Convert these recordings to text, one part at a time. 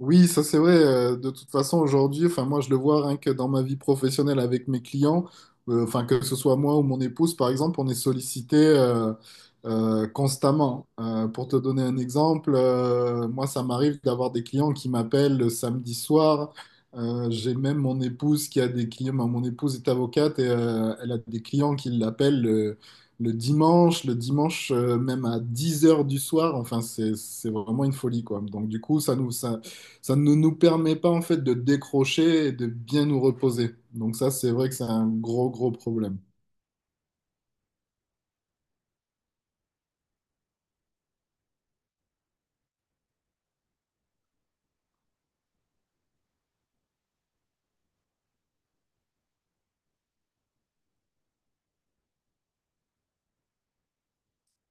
Oui, ça c'est vrai. De toute façon, aujourd'hui, enfin moi je le vois rien que dans ma vie professionnelle avec mes clients, enfin que ce soit moi ou mon épouse par exemple, on est sollicité constamment. Pour te donner un exemple, moi ça m'arrive d'avoir des clients qui m'appellent le samedi soir. J'ai même mon épouse qui a des clients. Ben, mon épouse est avocate et elle a des clients qui l'appellent le dimanche, le dimanche même à 10 heures du soir. Enfin, c'est vraiment une folie, quoi. Donc, du coup, ça ne nous permet pas en fait de décrocher et de bien nous reposer. Donc ça, c'est vrai que c'est un gros, gros problème.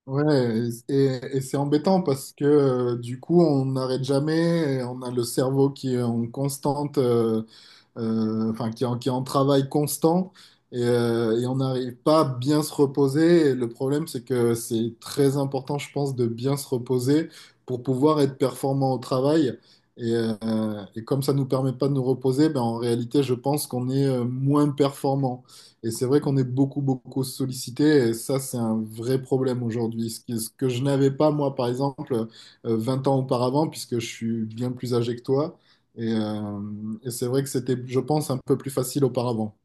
Ouais, et c'est embêtant parce que du coup, on n'arrête jamais, et on a le cerveau qui est en constante enfin, qui est en travail constant et on n'arrive pas à bien se reposer. Et le problème, c'est que c'est très important, je pense, de bien se reposer pour pouvoir être performant au travail. Et comme ça nous permet pas de nous reposer, ben, en réalité, je pense qu'on est moins performant. Et c'est vrai qu'on est beaucoup, beaucoup sollicité. Et ça, c'est un vrai problème aujourd'hui. Ce que je n'avais pas, moi, par exemple, 20 ans auparavant, puisque je suis bien plus âgé que toi. Et, euh, et c'est vrai que c'était, je pense, un peu plus facile auparavant.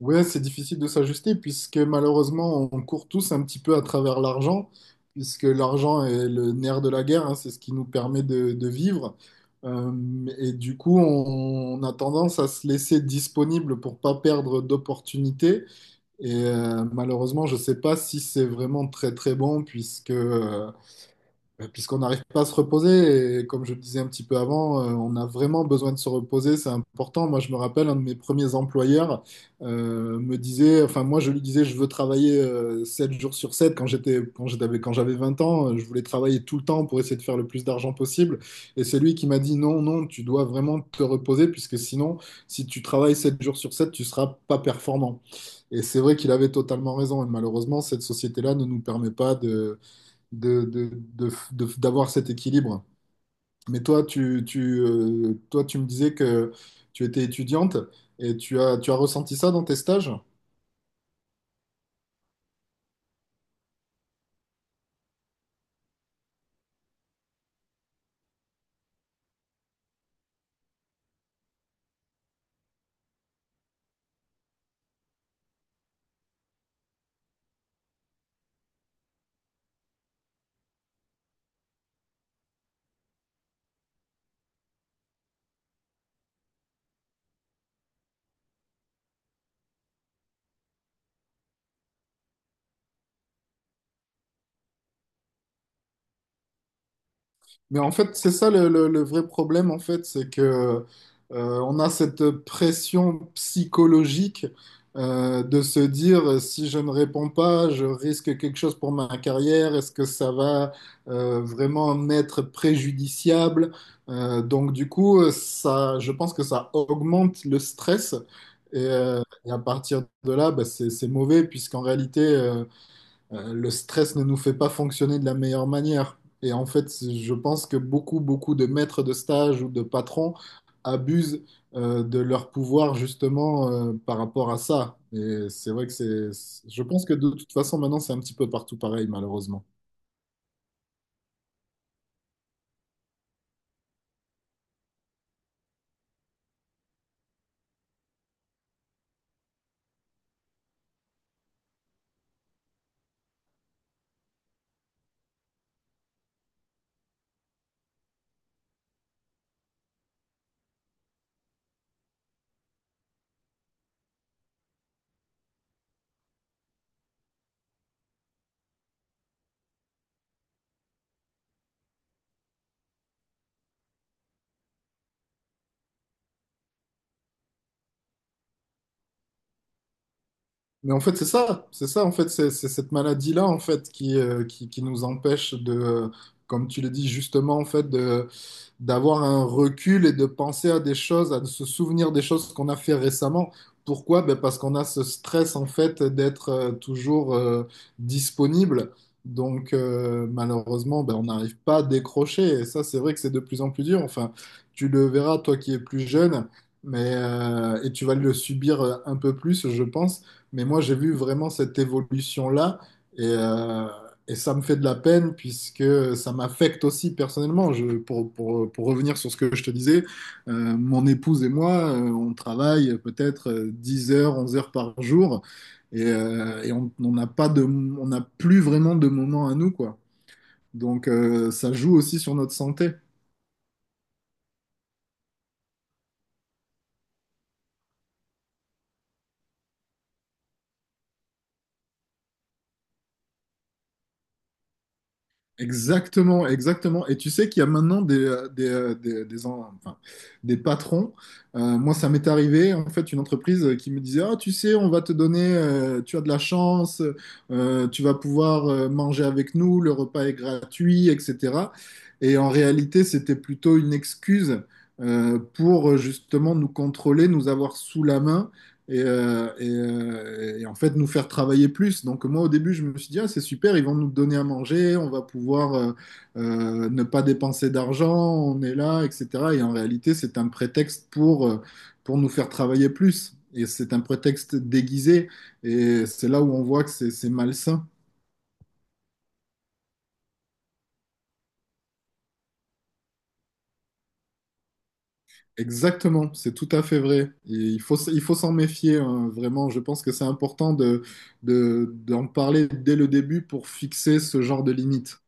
Ouais, c'est difficile de s'ajuster puisque malheureusement, on court tous un petit peu à travers l'argent, puisque l'argent est le nerf de la guerre, hein, c'est ce qui nous permet de vivre. Et du coup, on a tendance à se laisser disponible pour pas perdre d'opportunités. Et malheureusement, je sais pas si c'est vraiment très très bon puisque bah, puisqu'on n'arrive pas à se reposer, et comme je le disais un petit peu avant, on a vraiment besoin de se reposer, c'est important. Moi, je me rappelle, un de mes premiers employeurs me disait, enfin, moi, je lui disais, je veux travailler 7 jours sur sept quand quand j'avais 20 ans, je voulais travailler tout le temps pour essayer de faire le plus d'argent possible. Et c'est lui qui m'a dit, non, non, tu dois vraiment te reposer, puisque sinon, si tu travailles 7 jours sur 7, tu seras pas performant. Et c'est vrai qu'il avait totalement raison. Et malheureusement, cette société-là ne nous permet pas d'avoir cet équilibre. Mais toi, tu me disais que tu étais étudiante et tu as ressenti ça dans tes stages? Mais en fait, c'est ça le vrai problème, en fait, c'est que on a cette pression psychologique de se dire si je ne réponds pas, je risque quelque chose pour ma carrière, est-ce que ça va vraiment m'être préjudiciable? Donc du coup, ça, je pense que ça augmente le stress et à partir de là, bah, c'est mauvais puisqu'en réalité le stress ne nous fait pas fonctionner de la meilleure manière. Et en fait, je pense que beaucoup, beaucoup de maîtres de stage ou de patrons abusent de leur pouvoir justement par rapport à ça. Et c'est vrai que c'est. Je pense que de toute façon, maintenant, c'est un petit peu partout pareil, malheureusement. Mais en fait, c'est ça, en fait, c'est cette maladie-là, en fait, qui nous empêche comme tu l'as dit justement, en fait, de d'avoir un recul et de penser à des choses, à se souvenir des choses qu'on a fait récemment. Pourquoi? Ben parce qu'on a ce stress en fait d'être toujours disponible. Donc malheureusement, ben, on n'arrive pas à décrocher. Et ça, c'est vrai que c'est de plus en plus dur. Enfin, tu le verras, toi qui es plus jeune, mais et tu vas le subir un peu plus, je pense. Mais moi, j'ai vu vraiment cette évolution-là. Et, euh, et ça me fait de la peine puisque ça m'affecte aussi personnellement. Pour revenir sur ce que je te disais, mon épouse et moi, on travaille peut-être 10 heures, 11 heures par jour et on n'a pas de, on n'a plus vraiment de moments à nous, quoi. Donc ça joue aussi sur notre santé. Exactement, exactement. Et tu sais qu'il y a maintenant des patrons. Moi, ça m'est arrivé, en fait, une entreprise qui me disait, ah, tu sais, on va te donner, tu as de la chance, tu vas pouvoir manger avec nous, le repas est gratuit, etc. Et en réalité, c'était plutôt une excuse pour justement nous contrôler, nous avoir sous la main et en fait nous faire travailler plus. Donc moi au début je me suis dit ah, c'est super, ils vont nous donner à manger, on va pouvoir ne pas dépenser d'argent, on est là, etc. Et en réalité c'est un prétexte pour nous faire travailler plus. Et c'est un prétexte déguisé et c'est là où on voit que c'est malsain. Exactement, c'est tout à fait vrai. Et il faut s'en méfier, hein, vraiment. Je pense que c'est important d'en parler dès le début pour fixer ce genre de limite.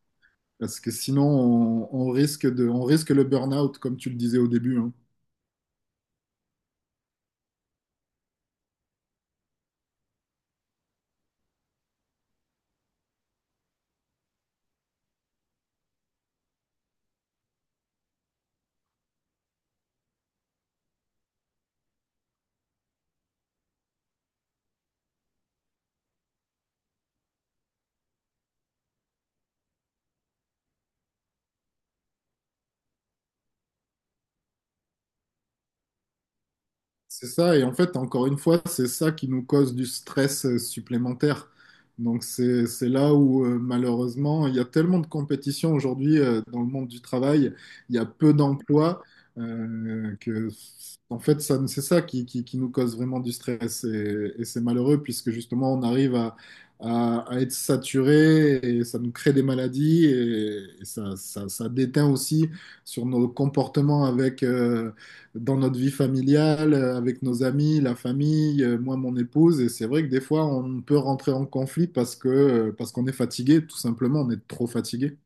Parce que sinon, on risque le burn-out, comme tu le disais au début, hein. C'est ça, et en fait, encore une fois, c'est ça qui nous cause du stress supplémentaire. Donc c'est là où malheureusement, il y a tellement de compétition aujourd'hui dans le monde du travail, il y a peu d'emplois que en fait, ça, c'est ça qui nous cause vraiment du stress. Et c'est malheureux puisque justement, on arrive à être saturé et ça nous crée des maladies et ça déteint aussi sur nos comportements dans notre vie familiale, avec nos amis, la famille, moi, mon épouse. Et c'est vrai que des fois, on peut rentrer en conflit parce qu'on est fatigué, tout simplement, on est trop fatigué.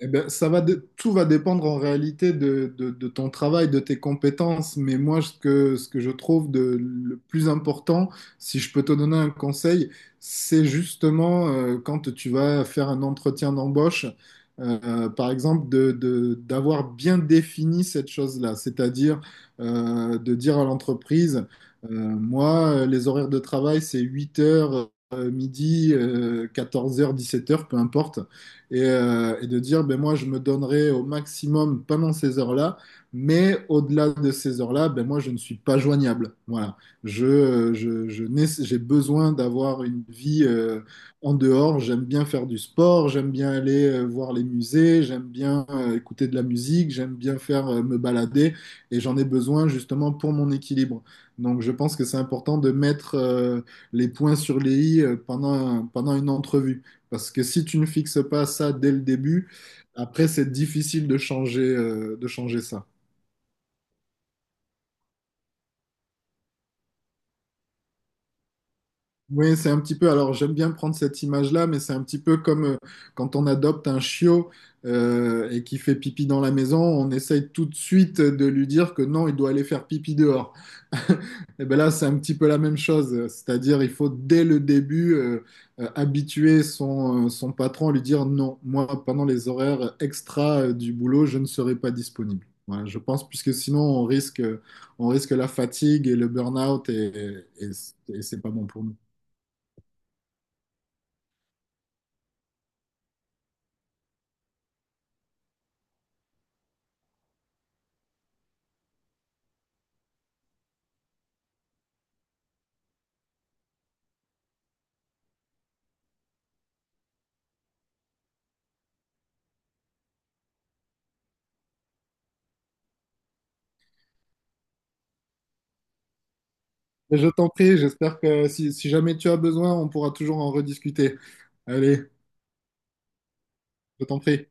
Eh ben, tout va dépendre en réalité de ton travail, de tes compétences. Mais moi, ce que je trouve le plus important, si je peux te donner un conseil, c'est justement quand tu vas faire un entretien d'embauche, par exemple, d'avoir bien défini cette chose-là. C'est-à-dire de dire à l'entreprise, moi, les horaires de travail, c'est 8 heures, midi, 14 heures, 17 heures, peu importe et de dire, ben moi, je me donnerai au maximum pendant ces heures-là, mais au-delà de ces heures-là, ben moi, je ne suis pas joignable. Voilà. Je n'ai- J'ai besoin d'avoir une vie en dehors. J'aime bien faire du sport, j'aime bien aller voir les musées, j'aime bien écouter de la musique, j'aime bien faire me balader, et j'en ai besoin justement pour mon équilibre. Donc, je pense que c'est important de mettre les points sur les i pendant une entrevue. Parce que si tu ne fixes pas ça dès le début, après, c'est difficile de changer ça. Oui, c'est un petit peu, alors j'aime bien prendre cette image-là, mais c'est un petit peu comme quand on adopte un chiot et qui fait pipi dans la maison, on essaye tout de suite de lui dire que non, il doit aller faire pipi dehors. Et bien là, c'est un petit peu la même chose, c'est-à-dire il faut dès le début habituer son patron à lui dire non, moi pendant les horaires extra du boulot, je ne serai pas disponible. Voilà, je pense, puisque sinon on risque la fatigue et le burn-out et c'est pas bon pour nous. Mais je t'en prie, j'espère que si jamais tu as besoin, on pourra toujours en rediscuter. Allez, je t'en prie.